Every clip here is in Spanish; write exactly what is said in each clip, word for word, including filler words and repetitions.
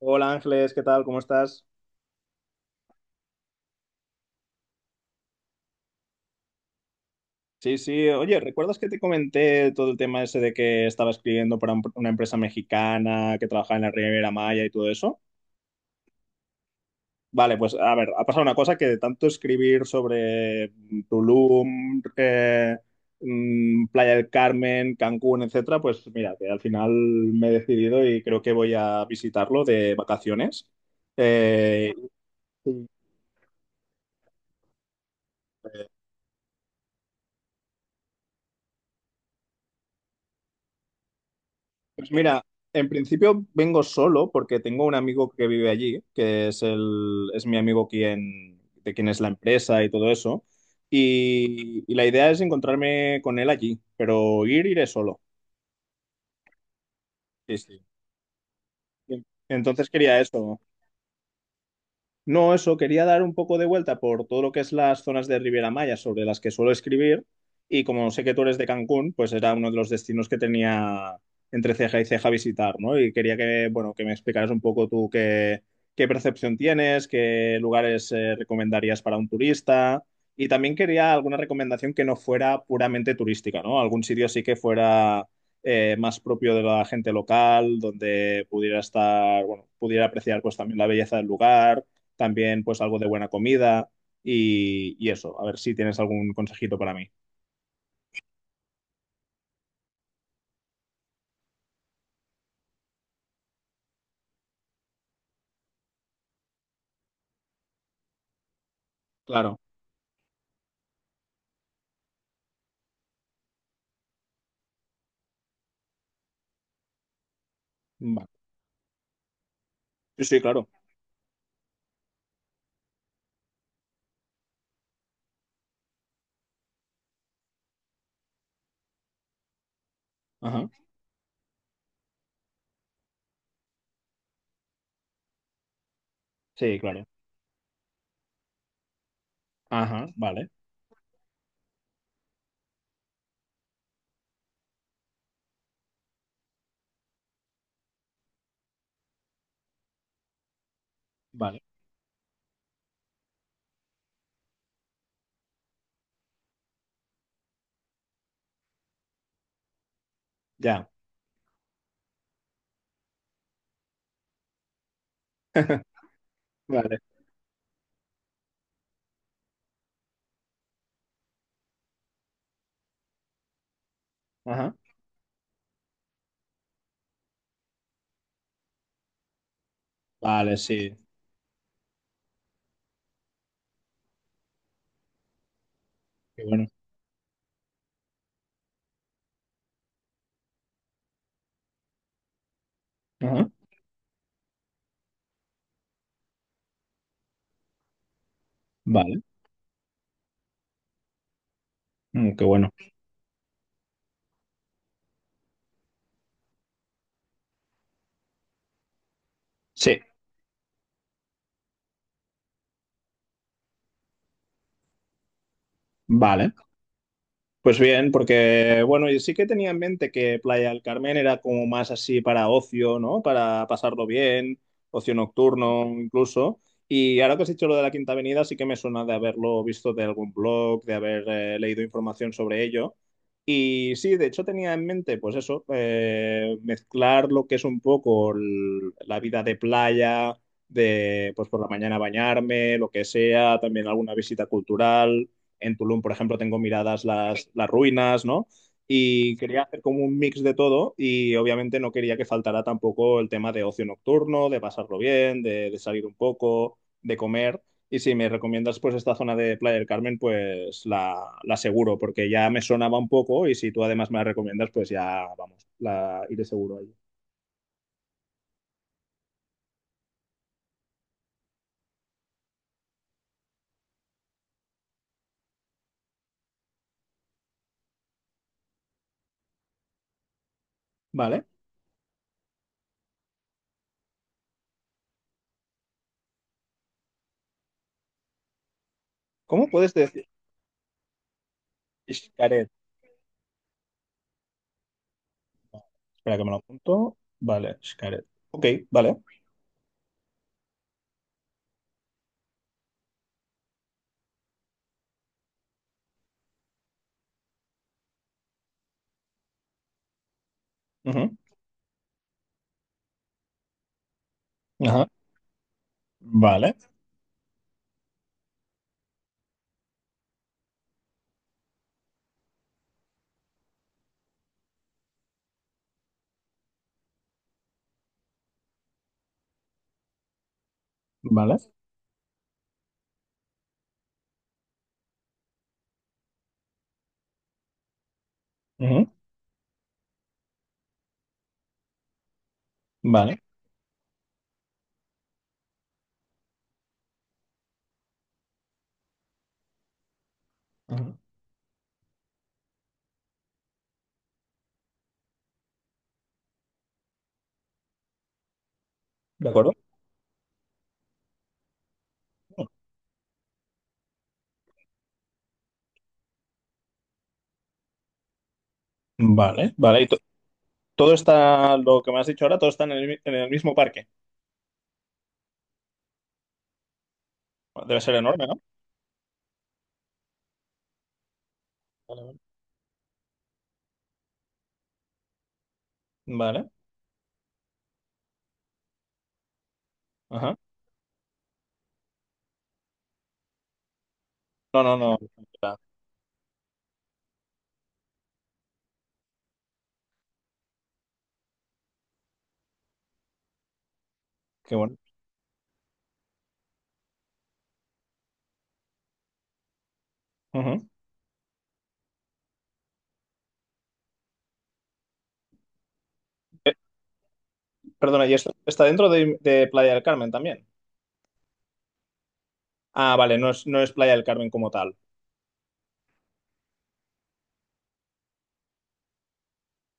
Hola Ángeles, ¿qué tal? ¿Cómo estás? Sí, sí. Oye, ¿recuerdas que te comenté todo el tema ese de que estaba escribiendo para un- una empresa mexicana que trabajaba en la Riviera Maya y todo eso? Vale, pues a ver, ha pasado una cosa que de tanto escribir sobre Tulum, eh, mm, Playa del Carmen, Cancún, etcétera, pues mira, que al final me he decidido y creo que voy a visitarlo de vacaciones. Eh, Pues mira, en principio vengo solo porque tengo un amigo que vive allí, que es el, es mi amigo quien, de quien es la empresa y todo eso. Y, y la idea es encontrarme con él allí, pero ir, iré solo. Sí, sí. Entonces quería eso. No, eso, quería dar un poco de vuelta por todo lo que es las zonas de Riviera Maya sobre las que suelo escribir y como sé que tú eres de Cancún, pues era uno de los destinos que tenía entre ceja y ceja visitar, ¿no? Y quería que, bueno, que me explicaras un poco tú qué, qué percepción tienes, qué lugares eh, recomendarías para un turista y también quería alguna recomendación que no fuera puramente turística, ¿no? Algún sitio sí que fuera eh, más propio de la gente local, donde pudiera estar, bueno, pudiera apreciar pues también la belleza del lugar también pues algo de buena comida y, y eso, a ver si tienes algún consejito para mí. Claro, vale. Sí, sí, claro. Ajá. Sí, claro. Ajá, vale, vale. Ya. Vale. Ajá. Vale, sí. Qué bueno. Ajá. Vale. Mm, qué bueno. Sí, vale. Pues bien, porque bueno, yo sí que tenía en mente que Playa del Carmen era como más así para ocio, ¿no? Para pasarlo bien, ocio nocturno incluso. Y ahora que has dicho lo de la Quinta Avenida, sí que me suena de haberlo visto de algún blog, de haber eh, leído información sobre ello. Y sí, de hecho tenía en mente, pues eso, eh, mezclar lo que es un poco el- la vida de playa, de pues por la mañana bañarme, lo que sea, también alguna visita cultural. En Tulum, por ejemplo, tengo miradas las, las ruinas, ¿no? Y quería hacer como un mix de todo y obviamente no quería que faltara tampoco el tema de ocio nocturno, de pasarlo bien, de, de salir un poco, de comer. Y si me recomiendas pues esta zona de Playa del Carmen, pues la, la seguro, porque ya me sonaba un poco y si tú además me la recomiendas, pues ya vamos, la iré seguro ahí. Vale. ¿Cómo puedes decir Xcaret? Espera que me lo apunto. Vale, Xcaret. Ok, vale. Ujú. Ajá. Vale, vale. Ujú. Vale. Ujú. De acuerdo. Vale, vale. Y to- todo está, lo que me has dicho ahora, todo está en el, mi- en el mismo parque. Debe ser enorme, ¿no? Vale, vale. Vale. Ajá. No, no, no. Qué bueno. Ujú. Perdona, ¿y esto está dentro de, de Playa del Carmen también? Ah, vale, no es, no es Playa del Carmen como tal.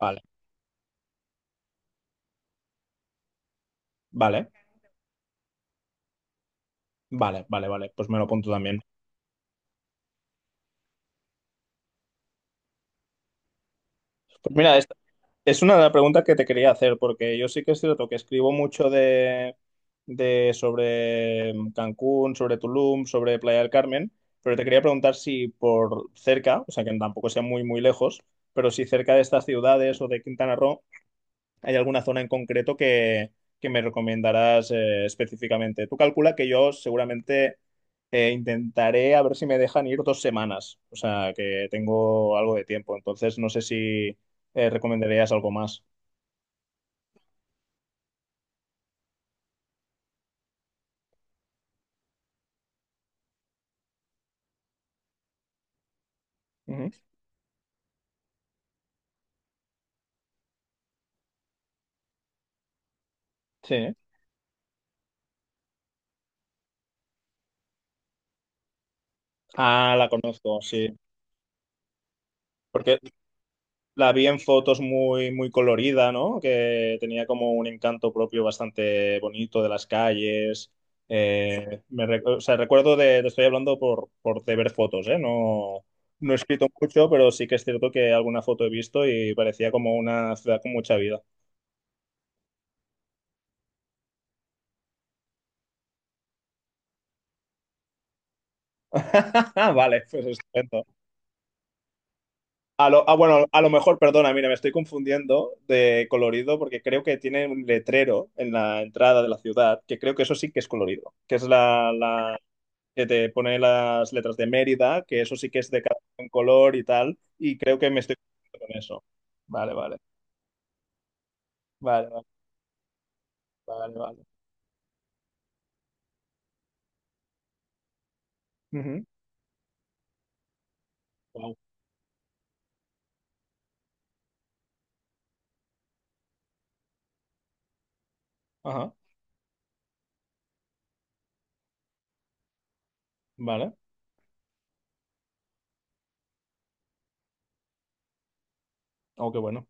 Vale, vale, vale, vale, vale. Pues me lo apunto también. Pues mira, es, es una de las preguntas que te quería hacer, porque yo sí que es cierto que escribo mucho de, de sobre Cancún, sobre Tulum, sobre Playa del Carmen, pero te quería preguntar si por cerca, o sea que tampoco sea muy, muy lejos, pero si cerca de estas ciudades o de Quintana Roo. ¿Hay alguna zona en concreto que, que me recomendarás eh, específicamente? Tú calcula que yo seguramente eh, intentaré a ver si me dejan ir dos semanas, o sea, que tengo algo de tiempo, entonces no sé si eh, recomendarías algo más. Ujú. Sí, ah, la conozco, sí. Porque la vi en fotos muy, muy colorida, ¿no? Que tenía como un encanto propio bastante bonito de las calles. Eh, me, rec- o sea, recuerdo de, te estoy hablando por, por de ver fotos, ¿eh? No, no he escrito mucho, pero sí que es cierto que alguna foto he visto y parecía como una ciudad con mucha vida. Vale, pues estupendo. A lo, ah, bueno, a lo mejor, perdona, mira, me estoy confundiendo de colorido porque creo que tiene un letrero en la entrada de la ciudad, que creo que eso sí que es colorido, que es la, la- que te pone las letras de Mérida, que eso sí que es de cada un color y tal, y creo que me estoy contento con eso. Vale, vale, vale, vale, vale, vale. Ujú. Guau. Ajá, vale. Oh, qué bueno.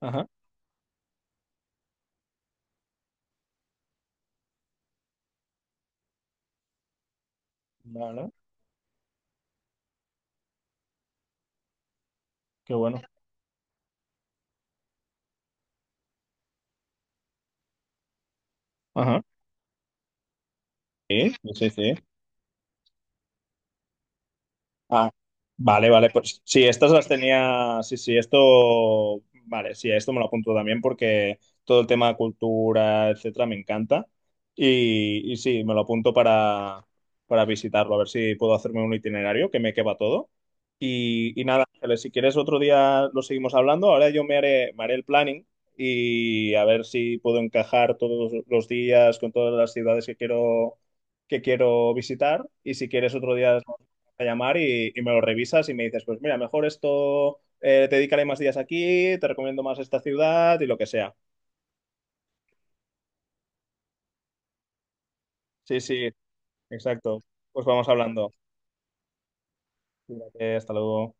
Ajá, vale, qué bueno. Ajá. Sí, sí, sí. Ah, vale, vale, pues sí, estas las tenía, sí, sí, esto, vale, sí, esto me lo apunto también porque todo el tema de cultura, etcétera, me encanta y, y sí, me lo apunto para, para visitarlo, a ver si puedo hacerme un itinerario que me quepa todo y, y nada, Ángeles, si quieres otro día lo seguimos hablando, ahora yo me haré, me haré el planning y a ver si puedo encajar todos los días con todas las ciudades que quiero, que quiero visitar y si quieres otro día a llamar y, y me lo revisas y me dices, pues mira, mejor esto, eh, te dedicaré más días aquí, te recomiendo más esta ciudad y lo que sea. Sí, sí, exacto. Pues vamos hablando. Cuídate, hasta luego.